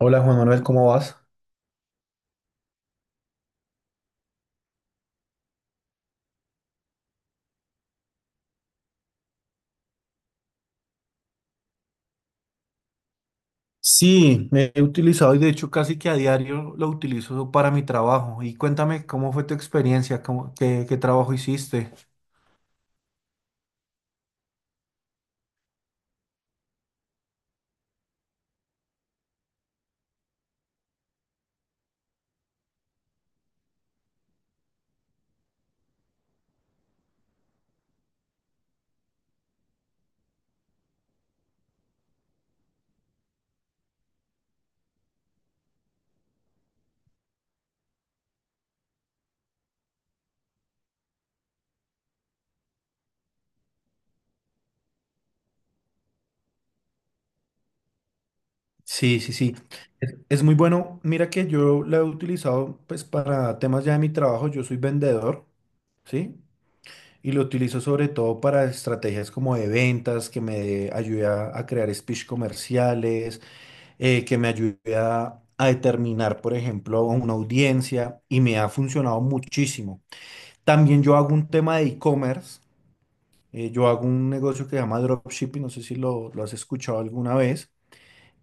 Hola Juan Manuel, ¿cómo vas? Sí, me he utilizado y de hecho casi que a diario lo utilizo para mi trabajo. Y cuéntame cómo fue tu experiencia. ¿Qué trabajo hiciste? Sí, sí, sí. Es muy bueno. Mira que yo la he utilizado pues para temas ya de mi trabajo. Yo soy vendedor, ¿sí? Y lo utilizo sobre todo para estrategias como de ventas, que me ayude a crear speech comerciales, que me ayude a determinar, por ejemplo, a una audiencia, y me ha funcionado muchísimo. También yo hago un tema de e-commerce, yo hago un negocio que se llama dropshipping, no sé si lo has escuchado alguna vez.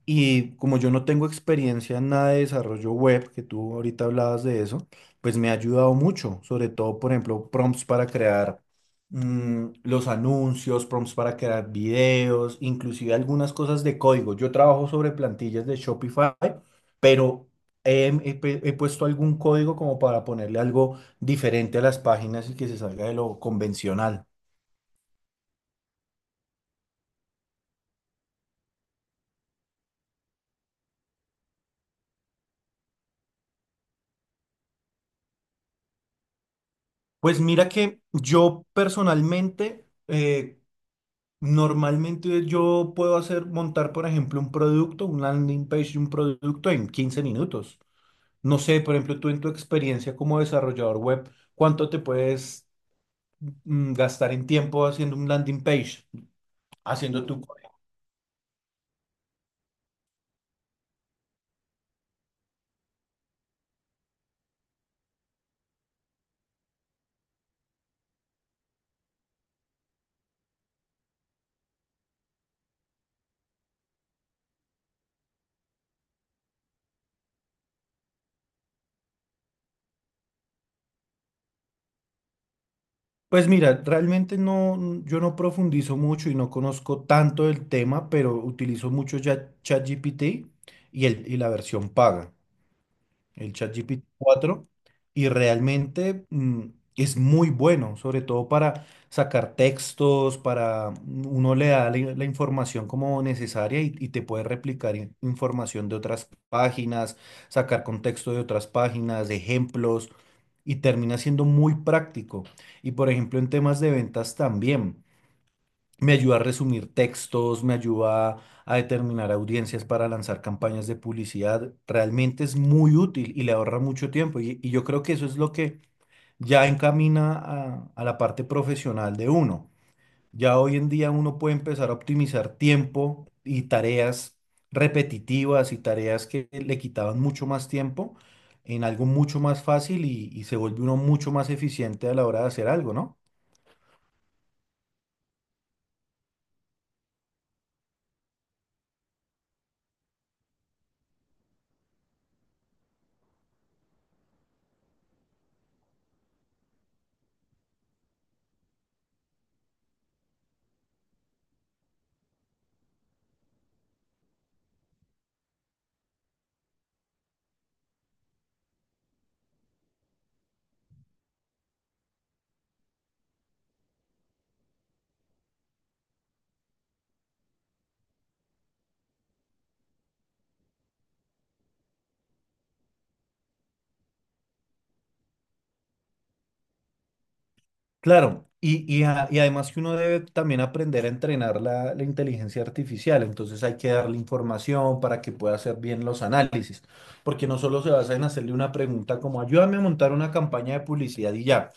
Y como yo no tengo experiencia en nada de desarrollo web, que tú ahorita hablabas de eso, pues me ha ayudado mucho, sobre todo, por ejemplo, prompts para crear los anuncios, prompts para crear videos, inclusive algunas cosas de código. Yo trabajo sobre plantillas de Shopify, pero he puesto algún código como para ponerle algo diferente a las páginas y que se salga de lo convencional. Pues mira que yo personalmente, normalmente yo puedo hacer, montar, por ejemplo, un producto, un landing page de un producto en 15 minutos. No sé, por ejemplo, tú en tu experiencia como desarrollador web, ¿cuánto te puedes gastar en tiempo haciendo un landing page, haciendo tu...? Pues mira, realmente no, yo no profundizo mucho y no conozco tanto el tema, pero utilizo mucho ya ChatGPT y, y la versión paga, el ChatGPT 4, y realmente es muy bueno, sobre todo para sacar textos, para uno le da la información como necesaria, y te puede replicar información de otras páginas, sacar contexto de otras páginas, de ejemplos, y termina siendo muy práctico. Y por ejemplo, en temas de ventas también. Me ayuda a resumir textos, me ayuda a determinar audiencias para lanzar campañas de publicidad. Realmente es muy útil y le ahorra mucho tiempo. Y yo creo que eso es lo que ya encamina a la parte profesional de uno. Ya hoy en día uno puede empezar a optimizar tiempo y tareas repetitivas y tareas que le quitaban mucho más tiempo, en algo mucho más fácil, y se vuelve uno mucho más eficiente a la hora de hacer algo, ¿no? Claro, y además que uno debe también aprender a entrenar la inteligencia artificial, entonces hay que darle información para que pueda hacer bien los análisis, porque no solo se basa en hacerle una pregunta como ayúdame a montar una campaña de publicidad y ya,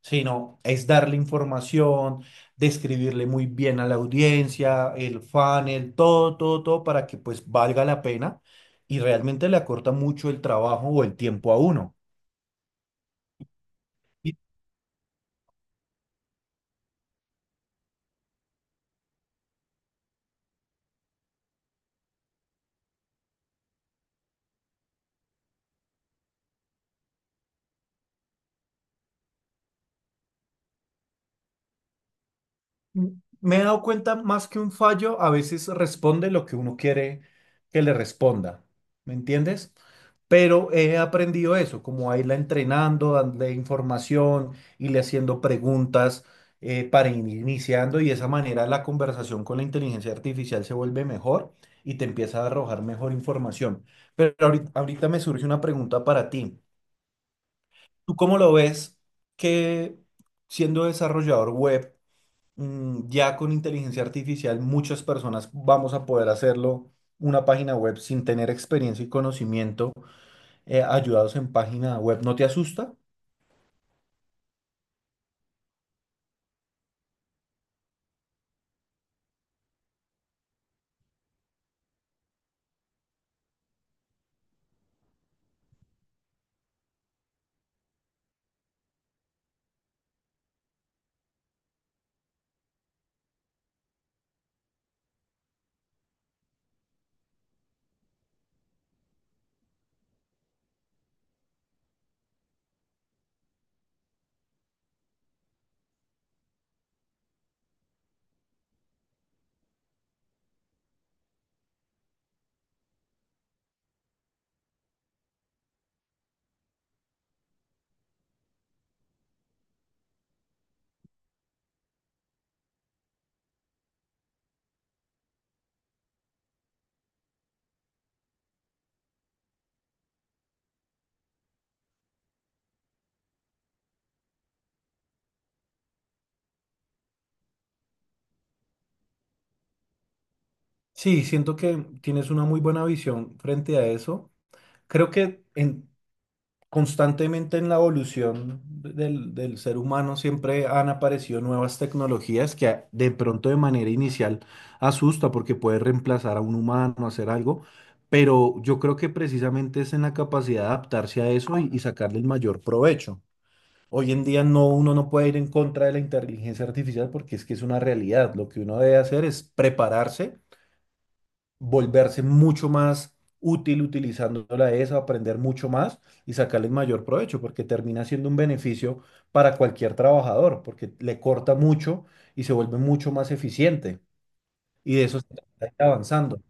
sino es darle información, describirle muy bien a la audiencia, el funnel, todo, todo, todo, para que pues valga la pena y realmente le acorta mucho el trabajo o el tiempo a uno. Me he dado cuenta más que un fallo, a veces responde lo que uno quiere que le responda, ¿me entiendes? Pero he aprendido eso, como a irla entrenando, darle información, irle haciendo preguntas, para ir iniciando, y de esa manera la conversación con la inteligencia artificial se vuelve mejor y te empieza a arrojar mejor información. Pero ahorita, ahorita me surge una pregunta para ti. ¿Tú cómo lo ves que siendo desarrollador web, ya con inteligencia artificial muchas personas vamos a poder hacerlo, una página web, sin tener experiencia y conocimiento, ayudados en página web? ¿No te asusta? Sí, siento que tienes una muy buena visión frente a eso. Creo que en... Constantemente en la evolución del ser humano siempre han aparecido nuevas tecnologías que de pronto de manera inicial asusta porque puede reemplazar a un humano, hacer algo, pero yo creo que precisamente es en la capacidad de adaptarse a eso y sacarle el mayor provecho. Hoy en día no, uno no puede ir en contra de la inteligencia artificial porque es que es una realidad. Lo que uno debe hacer es prepararse, volverse mucho más útil utilizando la ES a aprender mucho más y sacarle el mayor provecho, porque termina siendo un beneficio para cualquier trabajador, porque le corta mucho y se vuelve mucho más eficiente. Y de eso se trata, de ir avanzando,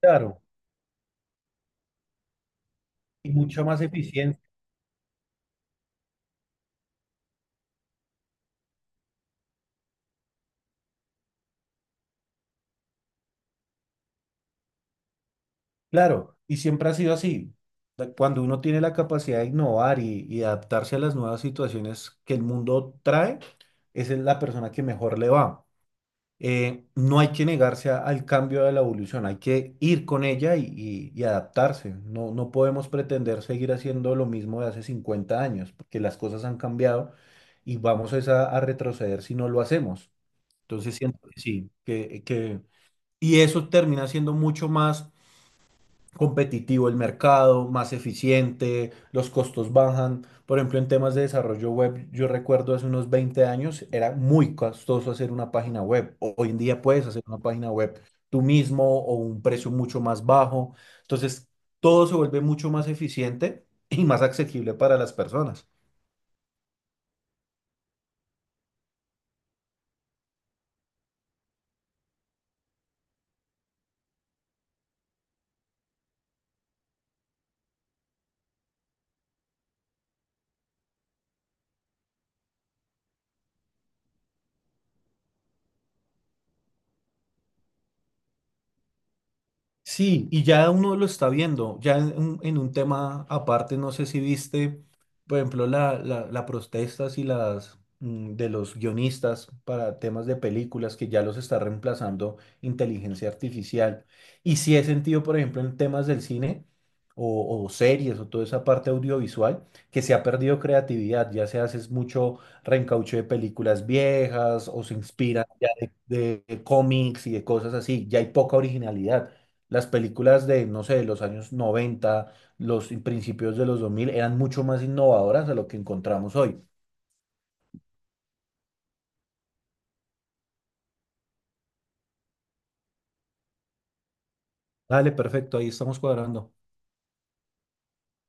claro, y mucha más eficiencia, claro, y siempre ha sido así. Cuando uno tiene la capacidad de innovar y adaptarse a las nuevas situaciones que el mundo trae, esa es la persona que mejor le va. No hay que negarse al cambio de la evolución, hay que ir con ella y, y adaptarse. No, no podemos pretender seguir haciendo lo mismo de hace 50 años, porque las cosas han cambiado y vamos es a retroceder si no lo hacemos. Entonces siento que sí, y eso termina siendo mucho más competitivo el mercado, más eficiente, los costos bajan. Por ejemplo, en temas de desarrollo web, yo recuerdo hace unos 20 años era muy costoso hacer una página web. Hoy en día puedes hacer una página web tú mismo o un precio mucho más bajo. Entonces, todo se vuelve mucho más eficiente y más accesible para las personas. Sí, y ya uno lo está viendo, ya en un tema aparte, no sé si viste, por ejemplo, la protestas y las de los guionistas para temas de películas que ya los está reemplazando inteligencia artificial. Y sí he sentido, por ejemplo, en temas del cine o series o toda esa parte audiovisual, que se ha perdido creatividad, ya se hace es mucho reencauche de películas viejas o se inspiran ya de cómics y de cosas así, ya hay poca originalidad. Las películas de, no sé, de los años 90, los principios de los 2000, eran mucho más innovadoras de lo que encontramos hoy. Dale, perfecto, ahí estamos cuadrando.